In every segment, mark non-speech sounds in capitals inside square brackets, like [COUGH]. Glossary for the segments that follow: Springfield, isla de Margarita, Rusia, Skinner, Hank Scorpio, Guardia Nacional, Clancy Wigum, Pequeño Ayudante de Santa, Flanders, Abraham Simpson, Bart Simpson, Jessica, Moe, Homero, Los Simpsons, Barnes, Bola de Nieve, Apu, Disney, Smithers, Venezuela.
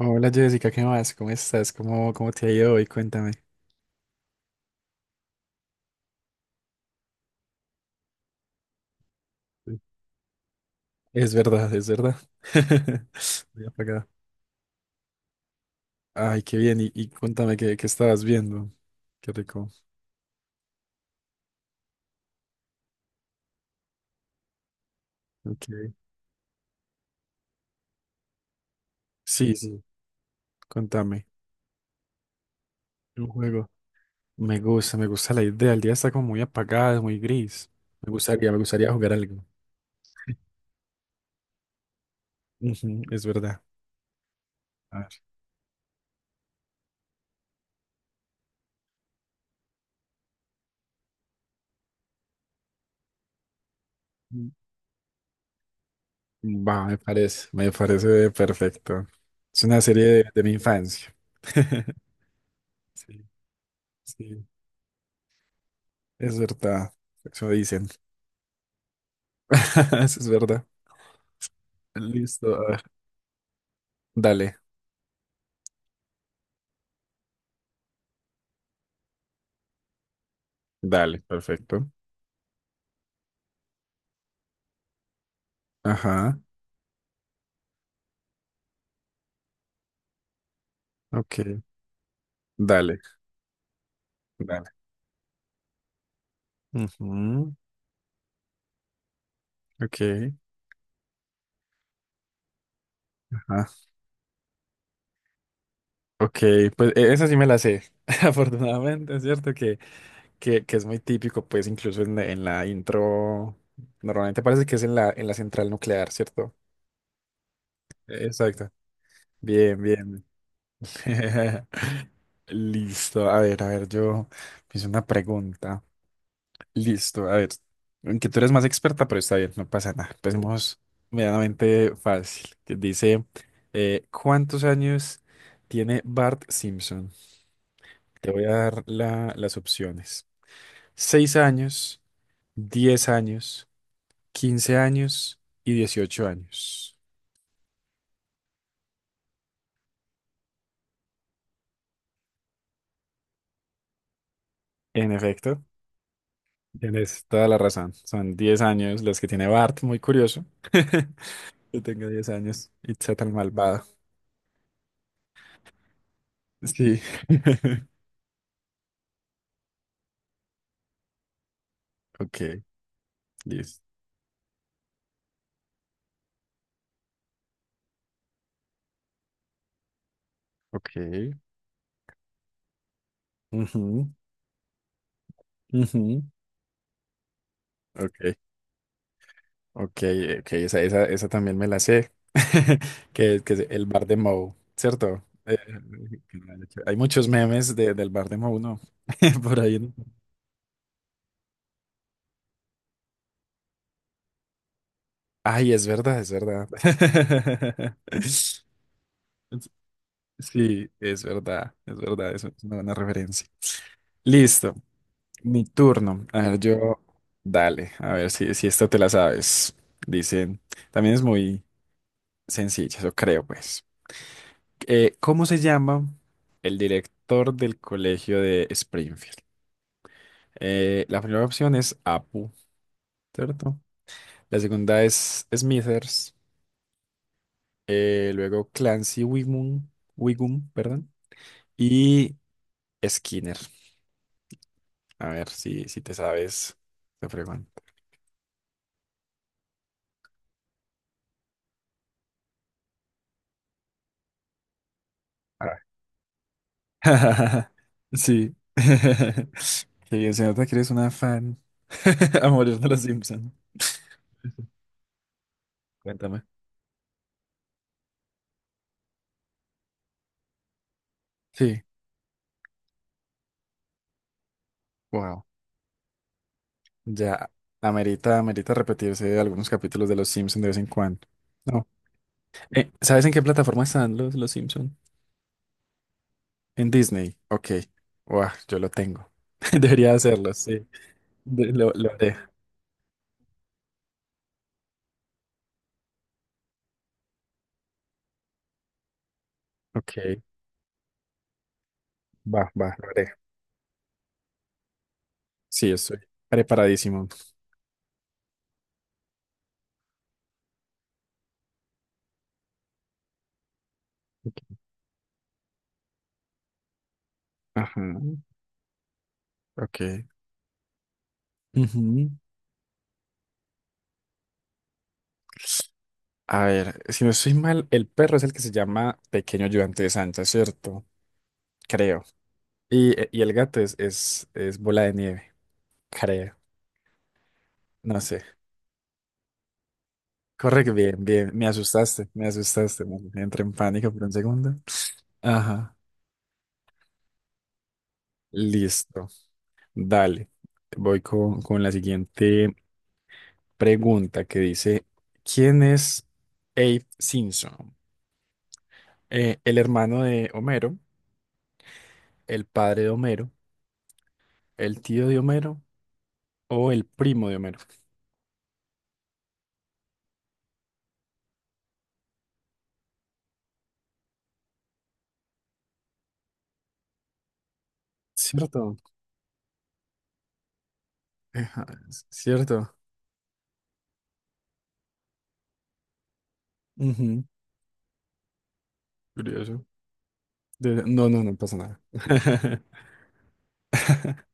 Hola Jessica, ¿qué más? ¿Cómo estás? ¿Cómo te ha ido hoy? Cuéntame. Es verdad, es verdad. [LAUGHS] Voy apagada. Ay, qué bien. Y cuéntame qué estabas viendo. Qué rico. Ok. Sí, sí, cuéntame. Un juego. Me gusta la idea. El día está como muy apagado, muy gris. Me gustaría jugar algo. Ujú, es verdad. A ver. Mm, va, me parece perfecto. Es una serie de mi infancia. [LAUGHS] Sí, sí. Es verdad, eso dicen. [LAUGHS] Eso es verdad. Listo, a ver. Dale, dale, perfecto. Ajá, ok. Dale, dale. Ujú, ok, ajá. Ok, pues esa sí me la sé. [LAUGHS] Afortunadamente, es cierto que, que es muy típico, pues incluso en, en la intro, normalmente parece que es en la central nuclear, ¿cierto? Exacto. Bien, bien. [LAUGHS] Listo. A ver, yo hice una pregunta. Listo, a ver, aunque tú eres más experta, pero está bien, no pasa nada. Empecemos medianamente fácil, que dice, ¿cuántos años tiene Bart Simpson? Te voy a dar las opciones. ¿6 años, 10 años, 15 años y 18 años? En efecto, tienes toda la razón. Son 10 años los que tiene Bart, muy curioso. [LAUGHS] Que tenga 10 años y sea tan malvado. Sí. [LAUGHS] Ok, listo. Ok, ujú, ujú. Ok, ok, ok, esa también me la sé. [LAUGHS] Que es el bar de Moe, ¿cierto? Que me han hay muchos memes del bar de Moe, ¿no? [LAUGHS] Por ahí, ¿no? Ay, es verdad, es verdad. [LAUGHS] Sí, es verdad, es verdad, es una buena referencia. Listo, mi turno. A ver, dale, a ver si, si esta te la sabes. Dicen, también es muy sencilla, eso creo, pues. ¿Cómo se llama el director del colegio de Springfield? La primera opción es Apu, ¿cierto? La segunda es Smithers, luego Clancy Wigum, Wigum, perdón, y Skinner. A ver si, si te sabes, te pregunto. A ver. [LAUGHS] Sí. [LAUGHS] Qué bien, se nota que eres una fan [LAUGHS] a morir de los Simpson. Cuéntame. Sí. Ya, amerita, amerita repetirse algunos capítulos de Los Simpsons de vez en cuando. No. ¿Sabes en qué plataforma están los Simpsons? En Disney. Ok. Buah, yo lo tengo. [LAUGHS] Debería hacerlo, sí. Lo haré. Ok. Va, va, lo haré. Sí, estoy preparadísimo. Ajá. Ok. Ujú. A ver, si no estoy mal, el perro es el que se llama Pequeño Ayudante de Santa, ¿cierto? Creo. Y el gato es Bola de Nieve, creo. No sé. Correcto, bien, bien. Me asustaste, me asustaste, man. Entré en pánico por un segundo. Ajá, listo. Dale. Voy con la siguiente pregunta que dice, ¿quién es Abe Simpson? ¿El hermano de Homero, el padre de Homero, el tío de Homero o el primo de Homero? Cierto, ajá, es cierto. Ujú, curioso. No, no, no pasa nada. [LAUGHS]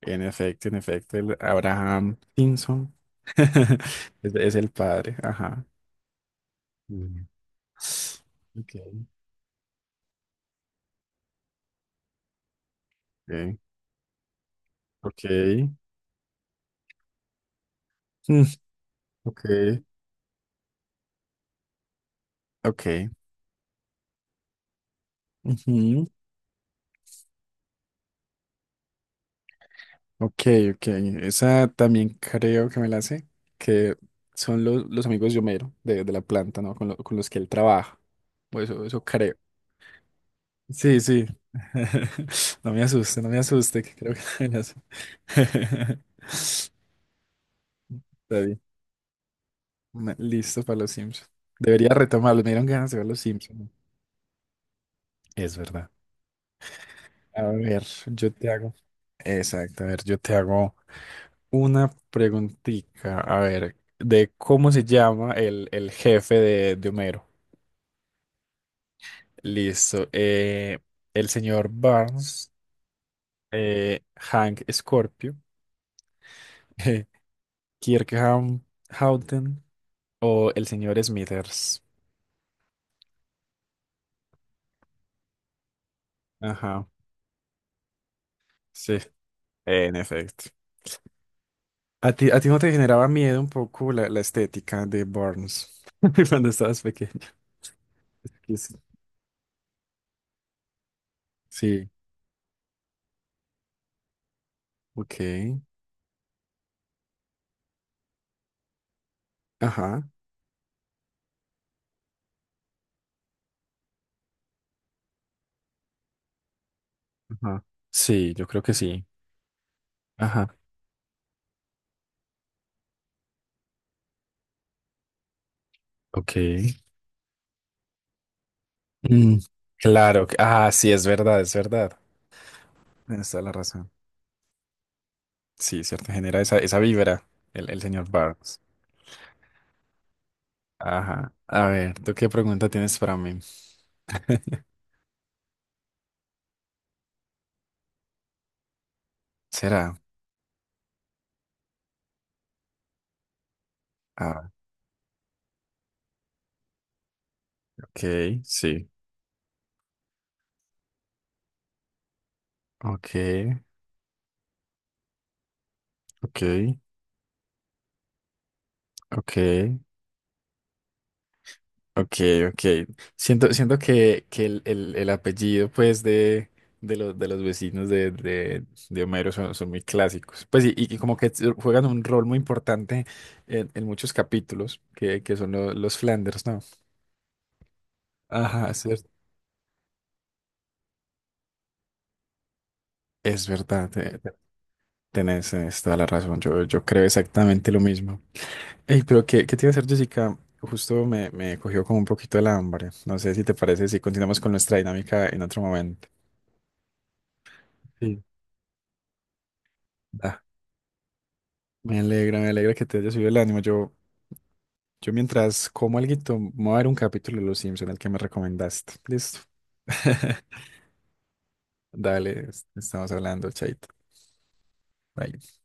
En efecto, el Abraham Simpson [LAUGHS] es el padre, ajá. Mm. Ok. Ok, ok, mm, ok, ok, ujú, ok, ok. Esa también creo que me la sé, que son los amigos de Homero, de la planta, ¿no? Con, con los que él trabaja, o eso creo. Sí, sí. [LAUGHS] No me asuste, no me asuste, que creo que [LAUGHS] me la sé. [LAUGHS] Está bien. Listo para los Simpsons. Debería retomarlo. Me dieron ganas de ver los Simpsons. Es verdad. A ver, yo te hago. Exacto, a ver, yo te hago una preguntita. A ver, de cómo se llama el jefe de Homero. Listo. Eh, el señor Barnes, Hank Scorpio, [LAUGHS] Kirk Ham- Houghton o el señor Smithers. Ajá, sí, en efecto. A ti no te generaba miedo un poco la, la estética de Barnes [LAUGHS] cuando estabas pequeño? Que sí, sí, ok. Ajá, ajá. Sí, yo creo que sí. Ajá. Ok. Mm, claro. Ah, sí, es verdad, es verdad. Tienes toda la razón. Sí, cierto, genera esa, esa vibra el señor Barnes. Ajá. A ver, ¿tú qué pregunta tienes para mí? [LAUGHS] ¿Será? Ah, ok, sí. Ok, ok, ok. Ok, ok. Siento, siento que el, el apellido, pues, de los vecinos de Homero son, son muy clásicos. Pues, y como que juegan un rol muy importante en muchos capítulos, que son los Flanders, ¿no? Ajá, es, es verdad. Tenés, tenés toda la razón. Yo creo exactamente lo mismo. Ey, pero ¿qué, qué te iba a hacer, Jessica? Justo me, me cogió como un poquito el hambre. No sé si te parece si continuamos con nuestra dinámica en otro momento. Sí. Me alegra que te haya subido el ánimo. Yo mientras como alguito, me voy a ver un capítulo de Los Simpson, el que me recomendaste. Listo. [LAUGHS] Dale, estamos hablando, chaito. Bye.